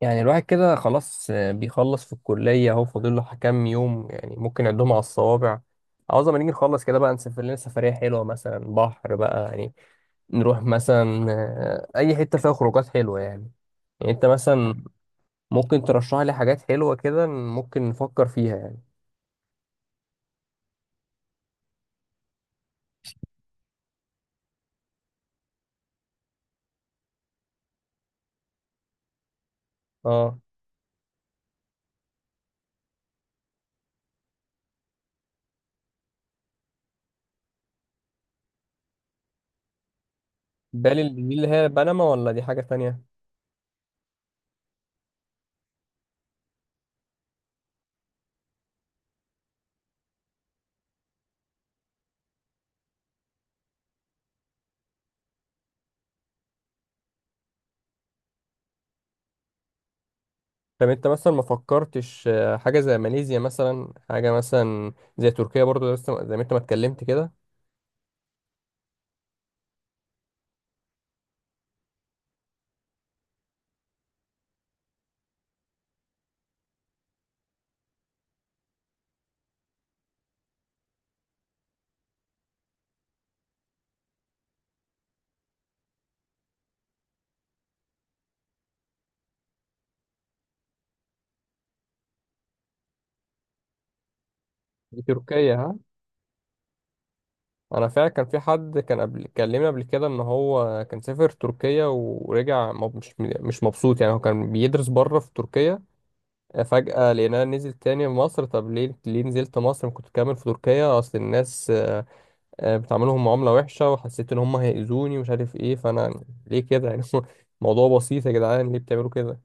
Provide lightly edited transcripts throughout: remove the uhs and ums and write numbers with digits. يعني الواحد كده خلاص بيخلص في الكلية اهو فاضل له كام يوم يعني ممكن نعدهم على الصوابع. عاوز ما نيجي نخلص كده بقى، نسافر لنا سفرية حلوة مثلا بحر بقى يعني. نروح مثلا أي حتة فيها خروجات حلوة يعني. يعني أنت مثلا ممكن ترشح لي حاجات حلوة كده، ممكن نفكر فيها يعني. اه، بالي دي اللي هي بنما ولا دي حاجة تانية؟ طب أنت مثلا ما فكرتش حاجة زي ماليزيا، مثلا حاجة مثلا زي تركيا برضو لسه زي ما أنت ما اتكلمت كده. دي تركيا ها؟ انا فعلا كان في حد كان قبل كلمني قبل كده ان هو كان سافر تركيا ورجع مش مبسوط، يعني هو كان بيدرس بره في تركيا. فجأة لقيناه نزل تاني مصر. طب ليه نزلت مصر؟ ما كنت كامل في تركيا. اصل الناس بتعاملهم معاملة وحشة، وحسيت ان هم هيأذوني ومش عارف ايه، فانا ليه كده يعني؟ موضوع بسيط يا جدعان، ليه بتعملوا كده؟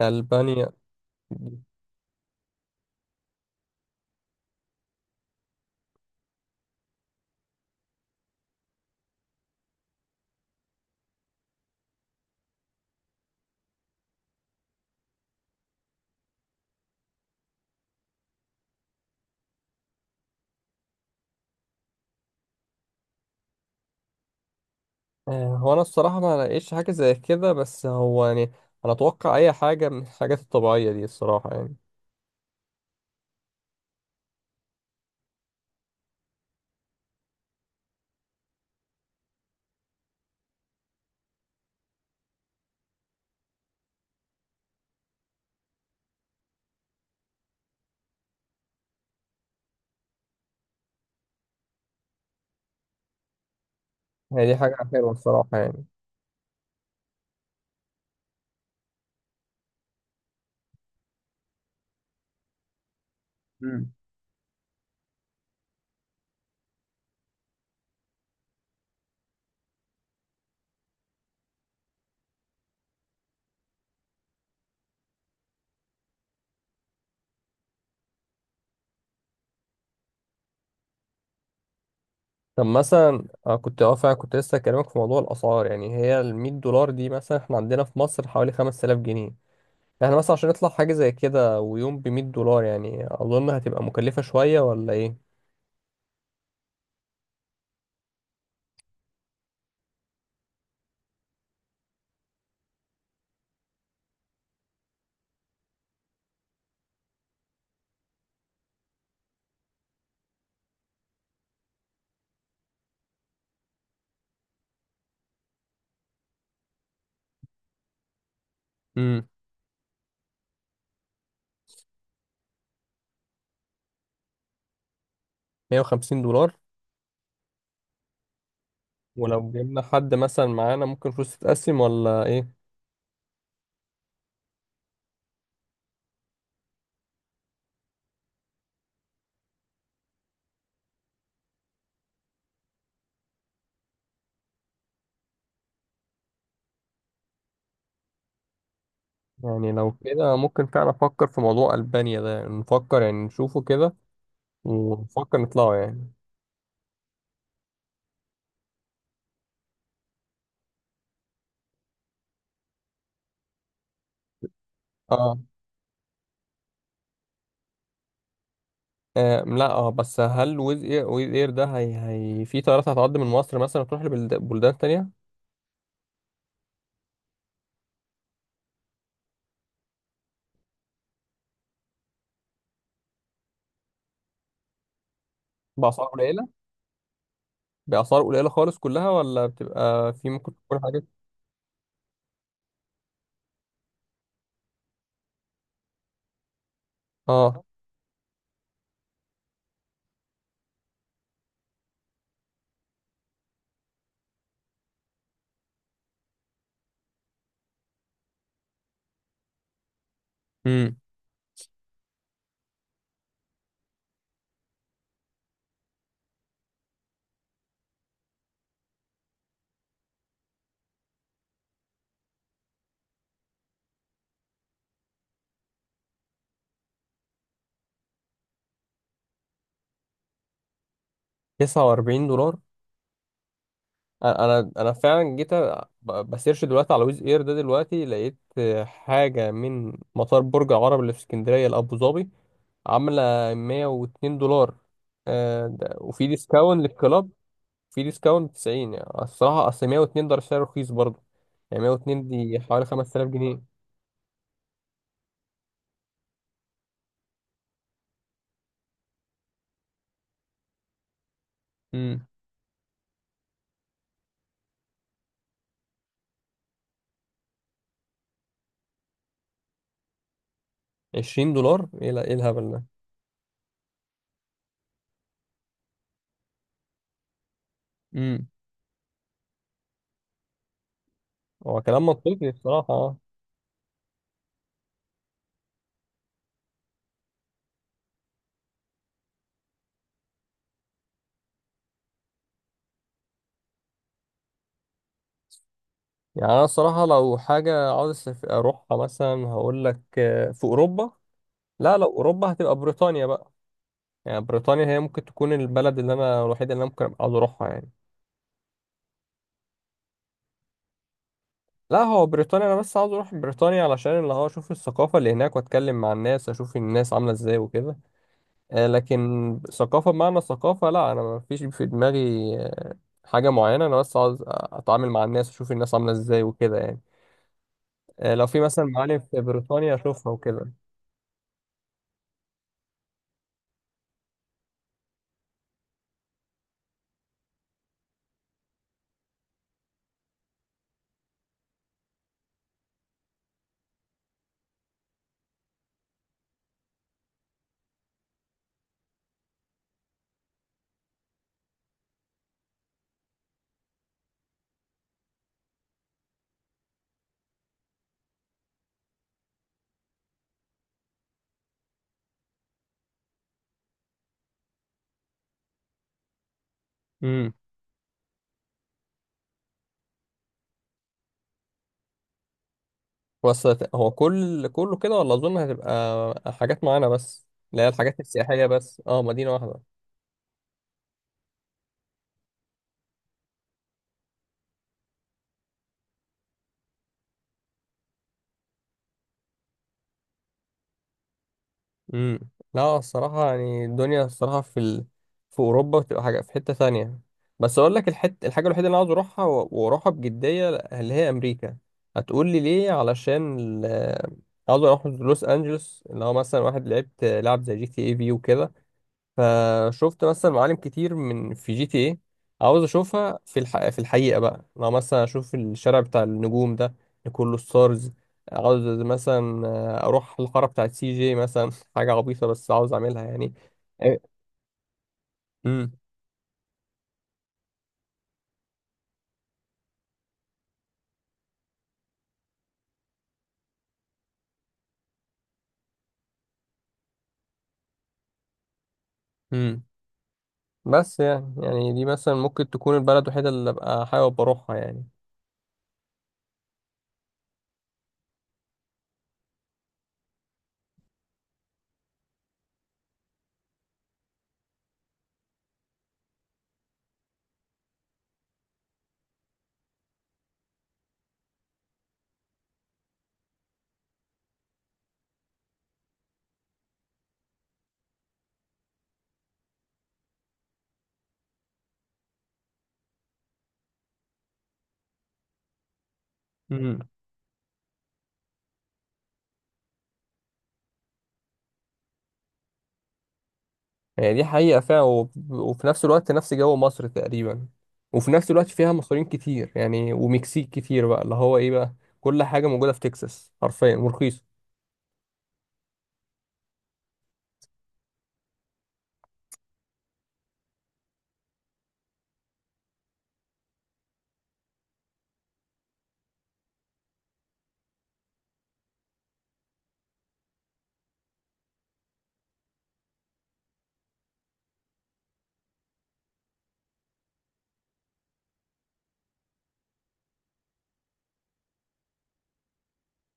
ألبانيا؟ هو انا الصراحة ما لقيتش حاجة زي كده، بس هو يعني انا اتوقع اي حاجة من الحاجات الطبيعية دي الصراحة يعني. هي دي حاجة حلوة الصراحة يعني. مم. طب مثلا كنت اه فعلا كنت لسه هكلمك في موضوع الأسعار، يعني هي ال $100 دي مثلا احنا عندنا في مصر حوالي 5000 جنيه. احنا مثلا عشان نطلع حاجة زي كده ويوم ب $100، يعني أظن هتبقى مكلفة شوية ولا إيه؟ امم $150. ولو جبنا حد مثلا معانا ممكن فلوس تتقسم ولا إيه؟ يعني لو كده ممكن فعلا أفكر في موضوع ألبانيا ده، يعني نفكر يعني نشوفه كده. ونفكر نطلعه يعني. اه. آه، لا، اه، بس هل ويز اير ده، هي في طيارات هتعدي من مصر مثلا تروح لبلدان تانية؟ بأسعار قليلة؟ بأسعار قليلة خالص كلها، ولا بتبقى في ممكن تكون حاجات؟ اه. امم $49. انا فعلا جيت بسيرش دلوقتي على ويز اير ده، دلوقتي لقيت حاجة من مطار برج العرب اللي في اسكندرية لأبو ظبي. عاملة $102. وفي ديسكاونت للكلاب. في ديسكاونت 90، يعني الصراحة أصل 102 ده سعر رخيص برضه. يعني 102 دي حوالي 5000 جنيه. امم $20؟ إيه إيه الهبل ده؟ امم هو كلام منطقي الصراحة، آه. يعني أنا الصراحة لو حاجة عاوز أروحها، مثلا هقول لك في أوروبا. لا، لو أوروبا هتبقى بريطانيا بقى. يعني بريطانيا هي ممكن تكون البلد اللي أنا الوحيدة، اللي أنا ممكن أبقى عاوز أروحها يعني. لا، هو بريطانيا أنا بس عاوز أروح بريطانيا علشان اللي هو أشوف الثقافة اللي هناك، وأتكلم مع الناس، أشوف الناس عاملة إزاي وكده. لكن ثقافة بمعنى الثقافة لا، أنا ما فيش في دماغي آه، حاجة معينة، أنا بس عاوز أتعامل مع الناس، أشوف الناس عاملة إزاي وكده يعني. لو في مثلا معالم في بريطانيا أشوفها وكده. امم بس هو كله كده، ولا أظن هتبقى حاجات معينة بس اللي هي الحاجات السياحية بس، مدينة واحدة. امم لا، الصراحة يعني الدنيا الصراحة في أوروبا بتبقى حاجة في حتة ثانية. بس أقول لك الحاجة الوحيدة اللي أنا عاوز أروحها و- وأروحها بجدية، اللي هي أمريكا. هتقول لي ليه؟ علشان ال... عاوز أروح لوس أنجلوس اللي هو مثلا واحد لعبت لعب زي GTA V وكده. فشفت مثلا معالم كتير من في GTA عاوز اشوفها في الحقيقه بقى، لو مثلا اشوف الشارع بتاع النجوم ده اللي كله ستارز. عاوز مثلا اروح الحاره بتاعت CJ مثلا. حاجه عبيطه بس عاوز اعملها يعني. امم امم بس يعني دي مثلا ممكن تكون البلد الوحيده اللي ابقى حابب اروحها يعني. هي دي حقيقة فعلا، وب- وفي نفس الوقت نفس جو مصر تقريبا. وفي نفس الوقت فيها مصريين كتير، يعني ومكسيك كتير بقى اللي هو ايه بقى. كل حاجة موجودة في تكساس حرفيا، ورخيصة.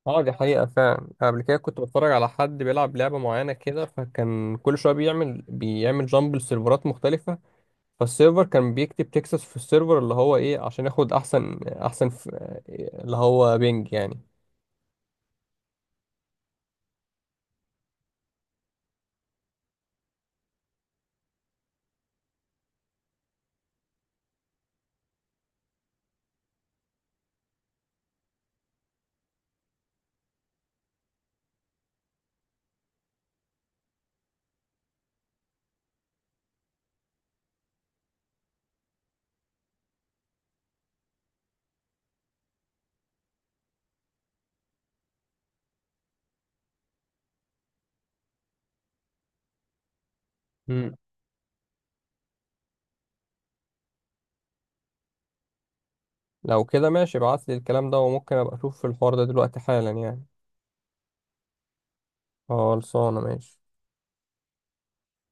اه، دي حقيقة فعلا. قبل كده كنت بتفرج على حد بيلعب لعبة معينة كده، فكان كل شوية بيعمل جامب لسيرفرات مختلفة. فالسيرفر كان بيكتب تكساس في السيرفر اللي هو ايه عشان ياخد احسن اللي هو بينج يعني. مم. لو كده ماشي، ابعت لي الكلام ده، وممكن ابقى اشوف الحوار ده دلوقتي حالا يعني. خلصانة ماشي.